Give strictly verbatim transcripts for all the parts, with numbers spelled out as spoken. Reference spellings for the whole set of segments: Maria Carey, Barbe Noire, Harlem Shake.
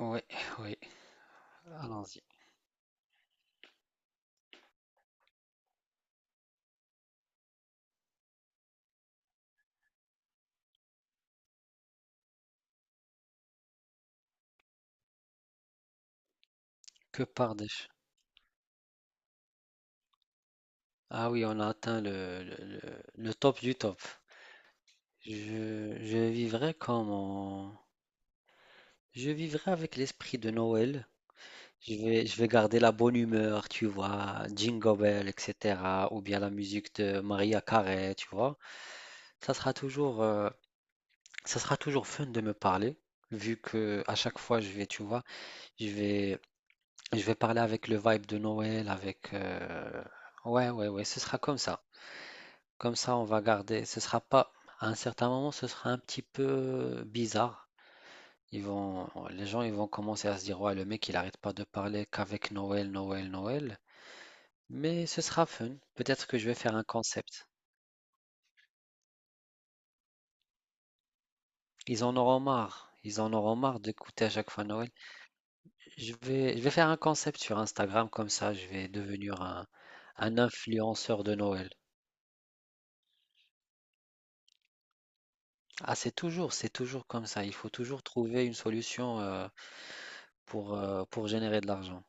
Oui, oui, allons-y. Que par des... ch- Ah oui, on a atteint le, le, le- le top du top. Je, je vivrai comme en- Je vivrai avec l'esprit de Noël. Je vais, je vais garder la bonne humeur, tu vois, Jingle Bell, et cetera. Ou bien la musique de Maria Carey, tu vois. Ça sera toujours, euh, ça sera toujours fun de me parler, vu que à chaque fois je vais, tu vois, je vais, je vais parler avec le vibe de Noël, avec... euh, ouais, ouais, ouais, ce sera comme ça. Comme ça, on va garder. Ce sera pas... à un certain moment, ce sera un petit peu bizarre. Ils vont... Les gens, ils vont commencer à se dire, ouais, le mec, il n'arrête pas de parler qu'avec Noël, Noël, Noël. Mais ce sera fun. Peut-être que je vais faire un concept. Ils en auront marre. Ils en auront marre d'écouter à chaque fois Noël. Je vais, je vais faire un concept sur Instagram, comme ça, je vais devenir un, un influenceur de Noël. Ah, c'est toujours, c'est toujours comme ça. Il faut toujours trouver une solution euh, pour, euh, pour générer de l'argent.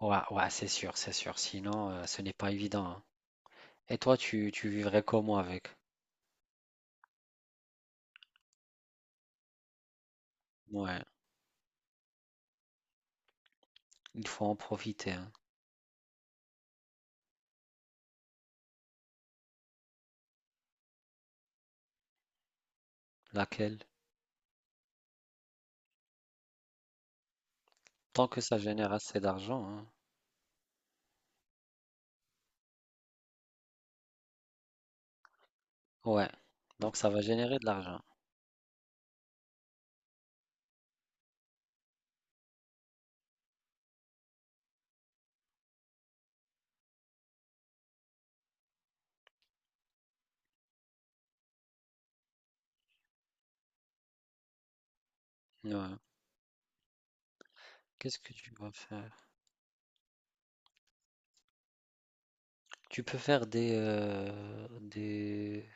Ouais, ouais, c'est sûr, c'est sûr. Sinon, euh, ce n'est pas évident, hein. Et toi, tu, tu vivrais comment avec? Ouais, il faut en profiter, hein. Laquelle? Tant que ça génère assez d'argent, hein. Ouais, donc ça va générer de l'argent. Ouais. Qu'est-ce que tu vas faire? Tu peux faire des, euh, des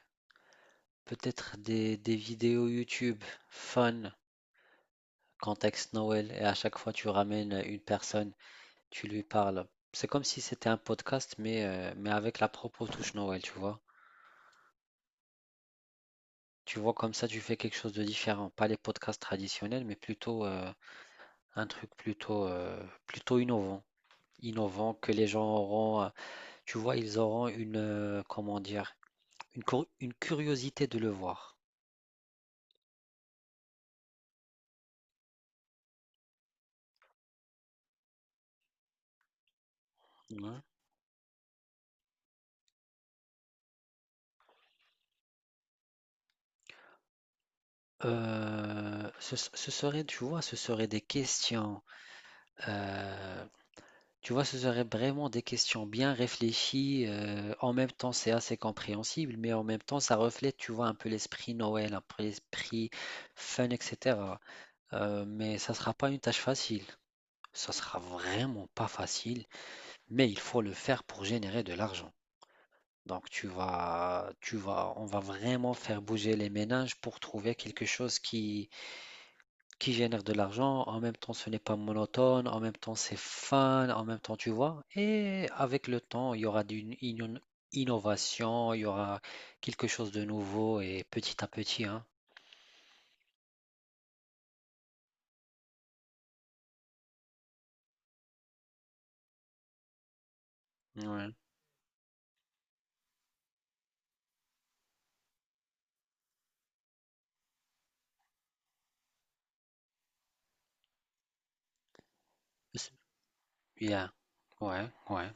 peut-être des, des vidéos YouTube fun. Contexte Noël et à chaque fois tu ramènes une personne, tu lui parles. C'est comme si c'était un podcast, mais, euh, mais avec la propre touche Noël, tu vois. Tu vois, comme ça, tu fais quelque chose de différent. Pas les podcasts traditionnels, mais plutôt euh, un truc plutôt, euh, plutôt innovant. Innovant que les gens auront, euh, tu vois, ils auront une, euh, comment dire, une, cur- une curiosité de le voir, hein. Euh, ce, ce serait, tu vois, ce serait des questions, euh, tu vois, ce serait vraiment des questions bien réfléchies. Euh, en même temps, c'est assez compréhensible, mais en même temps, ça reflète, tu vois, un peu l'esprit Noël, un peu l'esprit fun, et cetera. Euh, mais ça sera pas une tâche facile. Ça sera vraiment pas facile, mais il faut le faire pour générer de l'argent. Donc, tu vas, tu vas, on va vraiment faire bouger les ménages pour trouver quelque chose qui qui génère de l'argent, en même temps ce n'est pas monotone, en même temps c'est fun, en même temps tu vois, et avec le temps il y aura d'une inno- innovation, il y aura quelque chose de nouveau et petit à petit, hein. Ouais, c'est bien, ouais, ouais,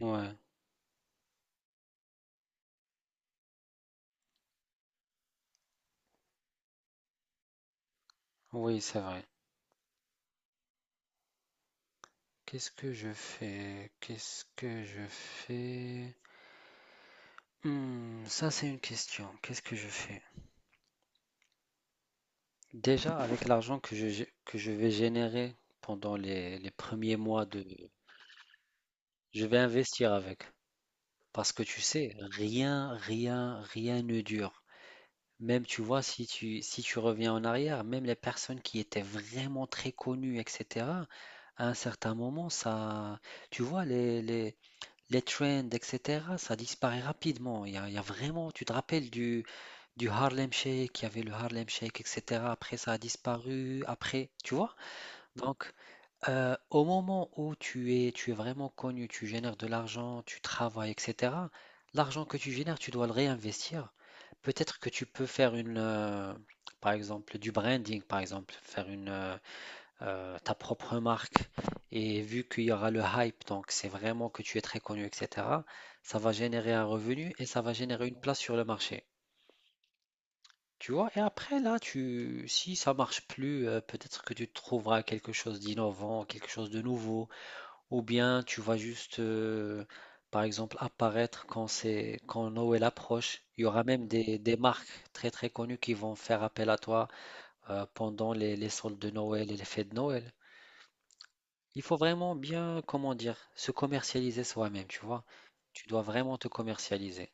ouais, oui c'est vrai. Qu'est-ce que je fais? Qu'est-ce que je fais? Hmm, ça c'est une question, qu'est-ce que je fais? Déjà avec l'argent que je, gé- que je vais générer pendant les les premiers mois de... Je vais investir avec. Parce que tu sais, rien, rien, rien ne dure. Même tu vois, si tu, si tu reviens en arrière, même les personnes qui étaient vraiment très connues, et cetera, à un certain moment, ça, tu vois, les, les, les trends, et cetera, ça disparaît rapidement. Il y a, il y a vraiment, tu te rappelles du, du Harlem Shake, il y avait le Harlem Shake, et cetera. Après, ça a disparu, après, tu vois? Donc, euh, au moment où tu es, tu es vraiment connu, tu génères de l'argent, tu travailles, et cetera, l'argent que tu génères, tu dois le réinvestir. Peut-être que tu peux faire une, euh, par exemple, du branding, par exemple, faire une, euh, euh, ta propre marque. Et vu qu'il y aura le hype, donc c'est vraiment que tu es très connu, et cetera, ça va générer un revenu et ça va générer une place sur le marché. Tu vois, et après là, tu, si ça marche plus, euh, peut-être que tu trouveras quelque chose d'innovant, quelque chose de nouveau. Ou bien tu vas juste, euh, par exemple, apparaître quand c'est, quand Noël approche. Il y aura même des, des marques très très connues qui vont faire appel à toi euh, pendant les, les soldes de Noël et les fêtes de Noël. Il faut vraiment bien, comment dire, se commercialiser soi-même, tu vois. Tu dois vraiment te commercialiser.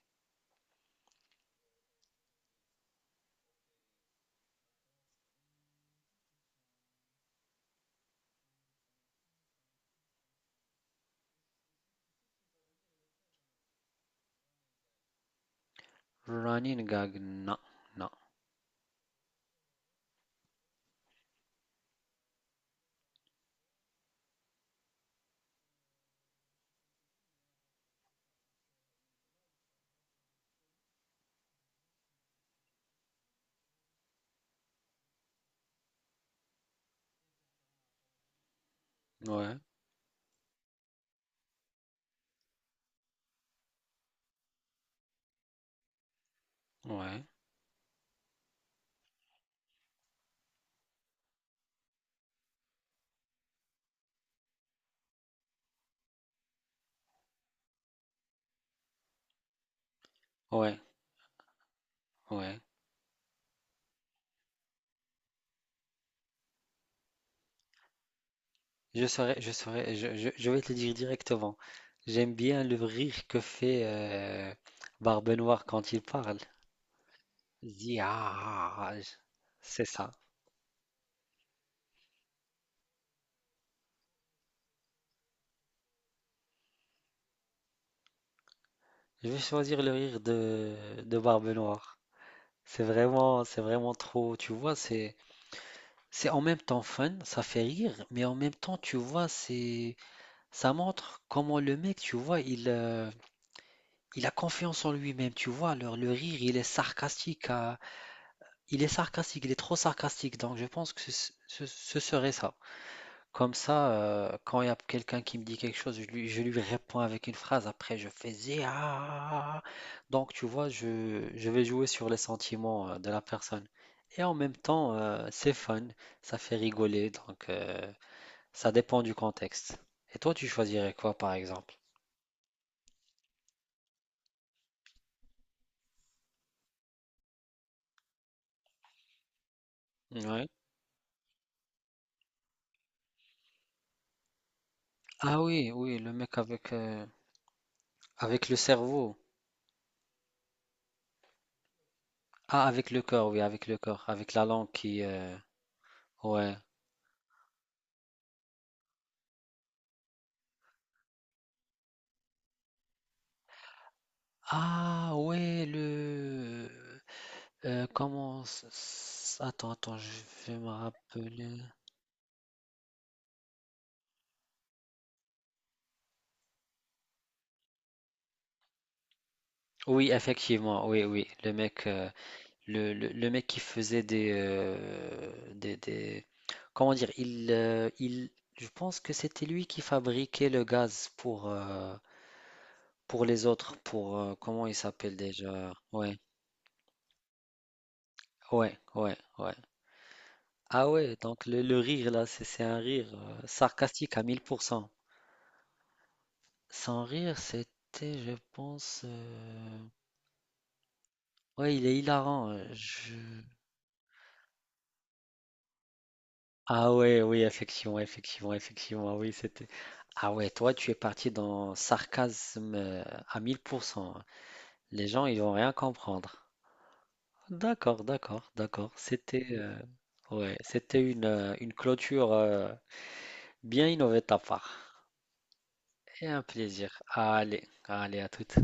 Running gag, non, non. Ouais, ouais, ouais, ouais. Je saurais, je saurais, je, je- je vais te le dire directement. J'aime bien le rire que fait euh, Barbe Noire quand il parle. Il Ah, c'est ça. Je vais choisir le rire de, de Barbe Noire. C'est vraiment, c'est vraiment trop, tu vois, c'est, c'est en même temps fun, ça fait rire, mais en même temps, tu vois, c'est, ça montre comment le mec, tu vois, il, euh, il a confiance en lui-même, tu vois. Alors, le rire, il est sarcastique à... Il est sarcastique, il est trop sarcastique, donc je pense que ce, ce- ce serait ça. Comme ça, euh, quand il y a quelqu'un qui me dit quelque chose, je lui, je lui réponds avec une phrase, après je fais zia. Donc tu vois, je, je vais jouer sur les sentiments euh, de la personne. Et en même temps, euh, c'est fun, ça fait rigoler, donc euh, ça dépend du contexte. Et toi, tu choisirais quoi par exemple? Ouais. Ah oui, oui, le mec avec, euh, avec le cerveau. Ah, avec le cœur, oui, avec le cœur, avec la langue qui, euh, Ouais. Ah ouais, le... euh, comment... s- s- attends, attends, je vais me rappeler. Oui, effectivement, oui, oui. Le mec, euh, le, le- le mec qui faisait des, euh, des, des- comment dire? Il, euh, il... Je pense que c'était lui qui fabriquait le gaz pour, euh, pour les autres, pour... euh, comment il s'appelle déjà? Ouais, ouais, ouais, ouais. Ah ouais, donc le, le rire là, c'est c'est un rire euh, sarcastique à mille pour cent. Sans rire, c'était, je pense, heu, ouais, il est hilarant, heu, je... Ah ouais, oui, effectivement, effectivement, effectivement, ah oui, c'était... Ah ouais, toi, tu es parti dans sarcasme, heu, à mille pour cent, hein. Les gens, ils vont rien comprendre. D'accord, d'accord, d'accord. C'était, heu, ouais, c'était une, heu, une clôture, heu, bien innovée de ta part et un plaisir. Allez, allez, à toutes.